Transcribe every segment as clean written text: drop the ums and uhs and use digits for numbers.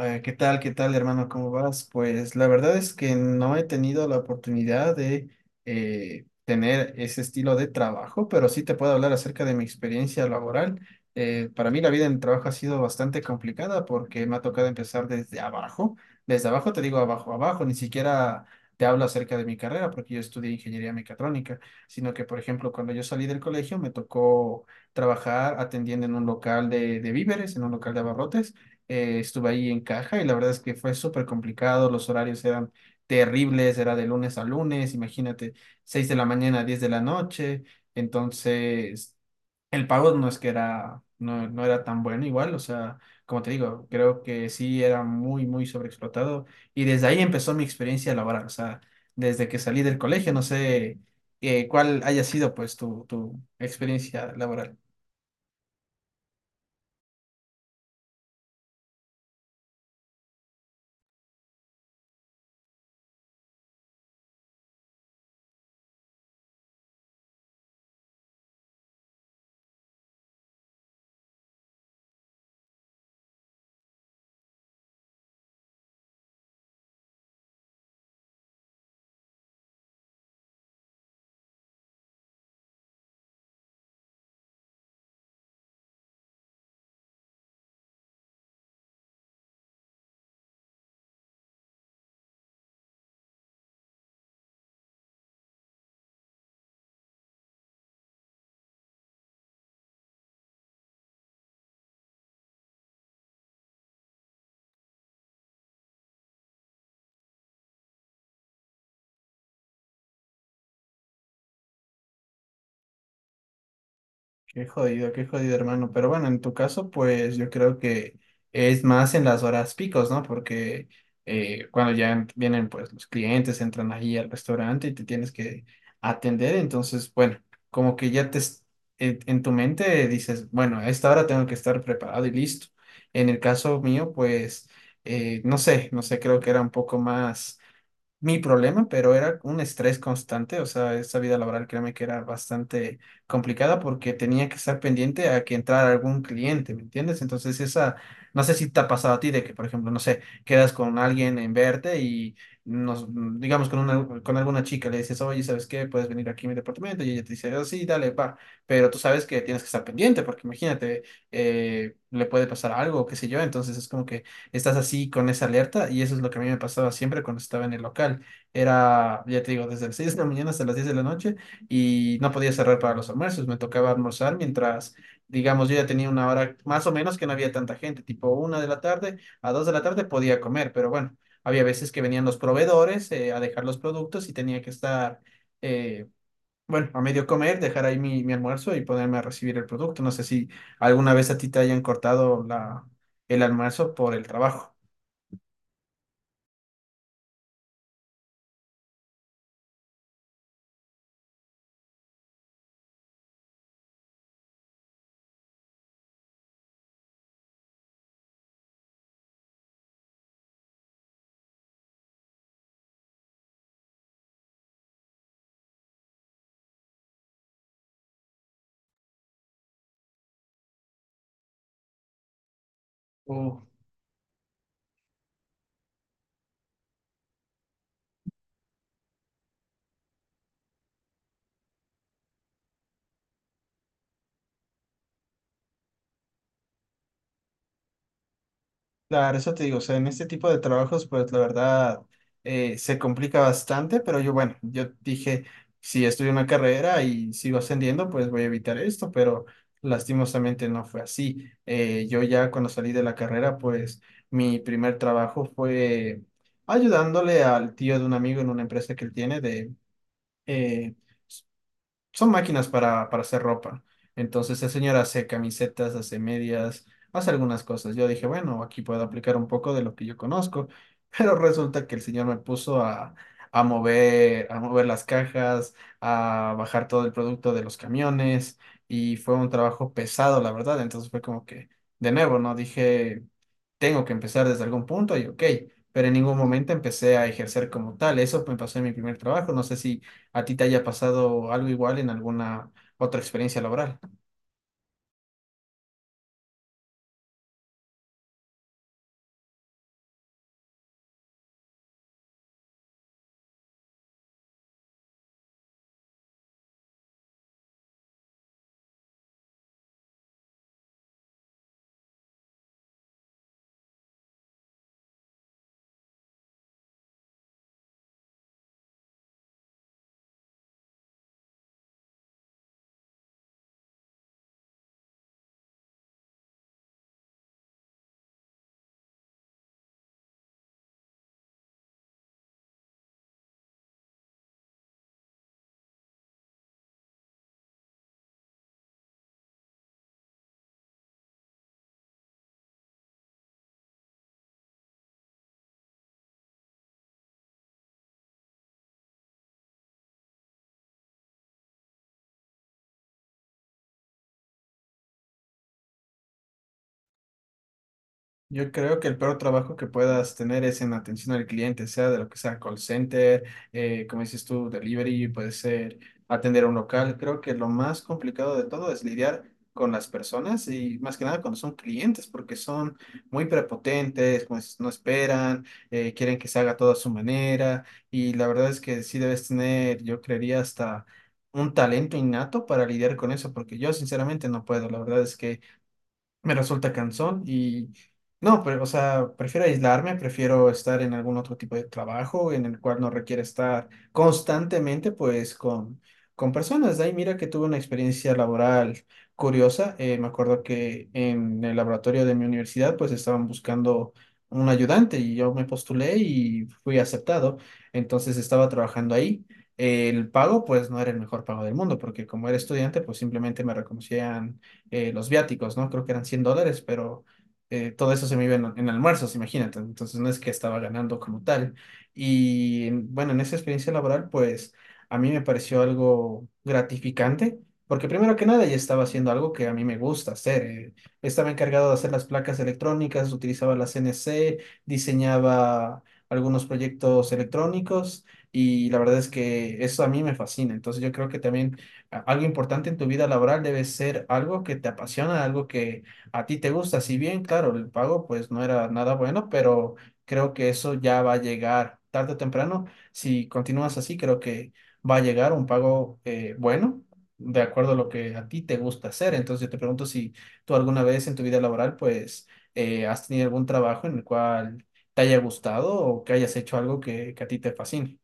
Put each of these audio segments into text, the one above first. ¿Qué tal, qué tal, hermano? ¿Cómo vas? Pues la verdad es que no he tenido la oportunidad de tener ese estilo de trabajo, pero sí te puedo hablar acerca de mi experiencia laboral. Para mí la vida en el trabajo ha sido bastante complicada porque me ha tocado empezar desde abajo. Desde abajo te digo abajo, abajo, ni siquiera te hablo acerca de mi carrera porque yo estudié ingeniería mecatrónica, sino que, por ejemplo, cuando yo salí del colegio me tocó trabajar atendiendo en un local de víveres, en un local de abarrotes. Estuve ahí en caja y la verdad es que fue súper complicado, los horarios eran terribles, era de lunes a lunes, imagínate, 6 de la mañana a 10 de la noche. Entonces el pago no es que era, no, no era tan bueno igual, o sea, como te digo, creo que sí era muy, muy sobreexplotado y desde ahí empezó mi experiencia laboral, o sea, desde que salí del colegio, no sé cuál haya sido pues tu experiencia laboral. Qué jodido, hermano. Pero bueno, en tu caso, pues yo creo que es más en las horas picos, ¿no? Porque cuando ya vienen, pues los clientes entran allí al restaurante y te tienes que atender. Entonces, bueno, como que ya te en tu mente dices, bueno, a esta hora tengo que estar preparado y listo. En el caso mío, pues no sé, no sé, creo que era un poco más mi problema, pero era un estrés constante, o sea, esa vida laboral créeme que era bastante complicada porque tenía que estar pendiente a que entrara algún cliente, ¿me entiendes? Entonces esa, no sé si te ha pasado a ti de que, por ejemplo, no sé, quedas con alguien en verte y nos, digamos con una, con alguna chica le dices, oye, ¿sabes qué? Puedes venir aquí a mi departamento y ella te dice, "Oh, sí, dale, va, pero tú sabes que tienes que estar pendiente porque imagínate, le puede pasar algo, qué sé yo, entonces es como que estás así con esa alerta y eso es lo que a mí me pasaba siempre cuando estaba en el local. Era, ya te digo, desde las 6 de la mañana hasta las 10 de la noche y no podía cerrar para los almuerzos, me tocaba almorzar mientras, digamos, yo ya tenía una hora más o menos que no había tanta gente, tipo una de la tarde a 2 de la tarde podía comer, pero bueno, había veces que venían los proveedores a dejar los productos y tenía que estar. eh, Bueno, a medio comer, dejar ahí mi almuerzo y ponerme a recibir el producto. No sé si alguna vez a ti te hayan cortado el almuerzo por el trabajo. Uh, claro, eso te digo, o sea, en este tipo de trabajos, pues la verdad se complica bastante, pero yo, bueno, yo dije, si estudio una carrera y sigo ascendiendo, pues voy a evitar esto, pero lastimosamente no fue así. Yo ya cuando salí de la carrera, pues mi primer trabajo fue ayudándole al tío de un amigo en una empresa que él tiene de eh, son máquinas para hacer ropa. Entonces el señor hace camisetas, hace medias, hace algunas cosas. Yo dije, bueno, aquí puedo aplicar un poco de lo que yo conozco, pero resulta que el señor me puso a mover las cajas, a bajar todo el producto de los camiones y fue un trabajo pesado, la verdad. Entonces fue como que, de nuevo, ¿no? Dije, tengo que empezar desde algún punto y ok. Pero en ningún momento empecé a ejercer como tal. Eso me pasó en mi primer trabajo. No sé si a ti te haya pasado algo igual en alguna otra experiencia laboral. Yo creo que el peor trabajo que puedas tener es en atención al cliente, sea de lo que sea call center, como dices tú, delivery, puede ser atender a un local. Creo que lo más complicado de todo es lidiar con las personas y más que nada cuando son clientes, porque son muy prepotentes, como dices, no esperan, quieren que se haga todo a su manera y la verdad es que sí debes tener, yo creería, hasta un talento innato para lidiar con eso, porque yo sinceramente no puedo. La verdad es que me resulta cansón y no, pero, o sea, prefiero aislarme, prefiero estar en algún otro tipo de trabajo en el cual no requiere estar constantemente, pues, con personas. De ahí mira que tuve una experiencia laboral curiosa. Me acuerdo que en el laboratorio de mi universidad, pues, estaban buscando un ayudante y yo me postulé y fui aceptado. Entonces estaba trabajando ahí. El pago, pues, no era el mejor pago del mundo, porque como era estudiante, pues, simplemente me reconocían los viáticos, ¿no? Creo que eran $100, pero todo eso se me iba en almuerzos, imagínate. Entonces no es que estaba ganando como tal. Y bueno, en esa experiencia laboral, pues a mí me pareció algo gratificante. Porque primero que nada ya estaba haciendo algo que a mí me gusta hacer. Estaba encargado de hacer las placas electrónicas, utilizaba la CNC, diseñaba algunos proyectos electrónicos y la verdad es que eso a mí me fascina. Entonces yo creo que también algo importante en tu vida laboral debe ser algo que te apasiona, algo que a ti te gusta. Si bien, claro, el pago pues no era nada bueno, pero creo que eso ya va a llegar tarde o temprano. Si continúas así, creo que va a llegar un pago bueno, de acuerdo a lo que a ti te gusta hacer. Entonces yo te pregunto si tú alguna vez en tu vida laboral pues has tenido algún trabajo en el cual te haya gustado o que hayas hecho algo que a ti te fascine.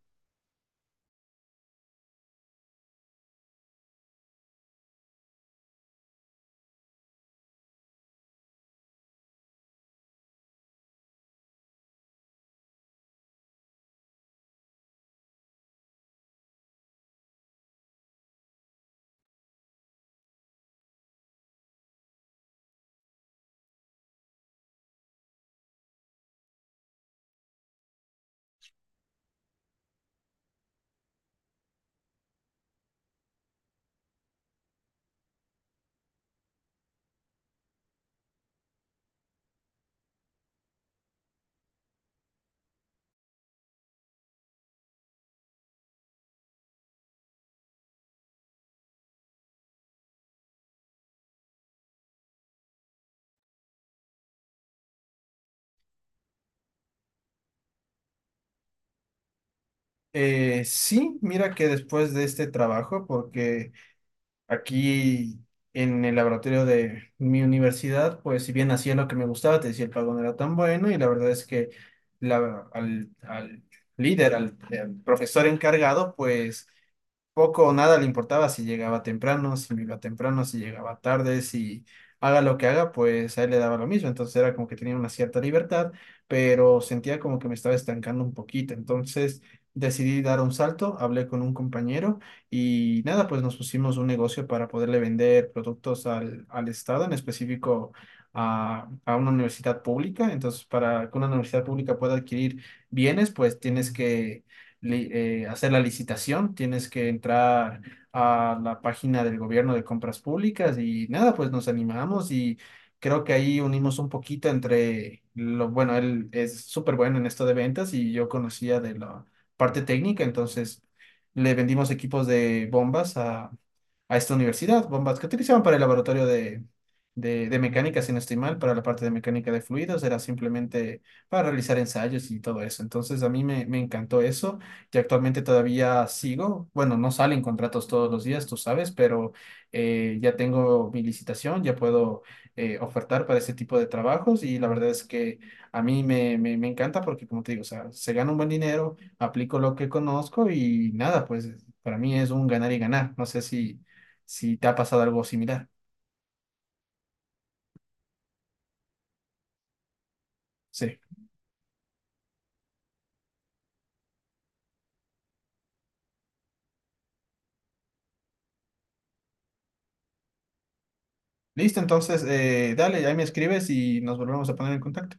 Sí, mira que después de este trabajo, porque aquí en el laboratorio de mi universidad, pues si bien hacía lo que me gustaba, te decía el pago no era tan bueno y la verdad es que al líder, al profesor encargado, pues poco o nada le importaba si llegaba temprano, si no iba temprano, si llegaba tarde, si haga lo que haga, pues a él le daba lo mismo. Entonces era como que tenía una cierta libertad, pero sentía como que me estaba estancando un poquito. Entonces decidí dar un salto, hablé con un compañero y nada, pues nos pusimos un negocio para poderle vender productos al Estado, en específico a una universidad pública. Entonces, para que una universidad pública pueda adquirir bienes, pues tienes que hacer la licitación, tienes que entrar a la página del gobierno de compras públicas y nada, pues nos animamos y creo que ahí unimos un poquito entre lo bueno, él es súper bueno en esto de ventas y yo conocía de la parte técnica, entonces le vendimos equipos de bombas a esta universidad, bombas que utilizaban para el laboratorio de mecánica, si no estoy mal, para la parte de mecánica de fluidos, era simplemente para realizar ensayos y todo eso. Entonces a mí me encantó eso y actualmente todavía sigo, bueno, no salen contratos todos los días, tú sabes, pero ya tengo mi licitación, ya puedo ofertar para ese tipo de trabajos y la verdad es que a mí me encanta porque, como te digo, o sea, se gana un buen dinero, aplico lo que conozco y nada, pues para mí es un ganar y ganar. No sé si si te ha pasado algo similar. Sí. Listo, entonces, dale, ahí me escribes y nos volvemos a poner en contacto.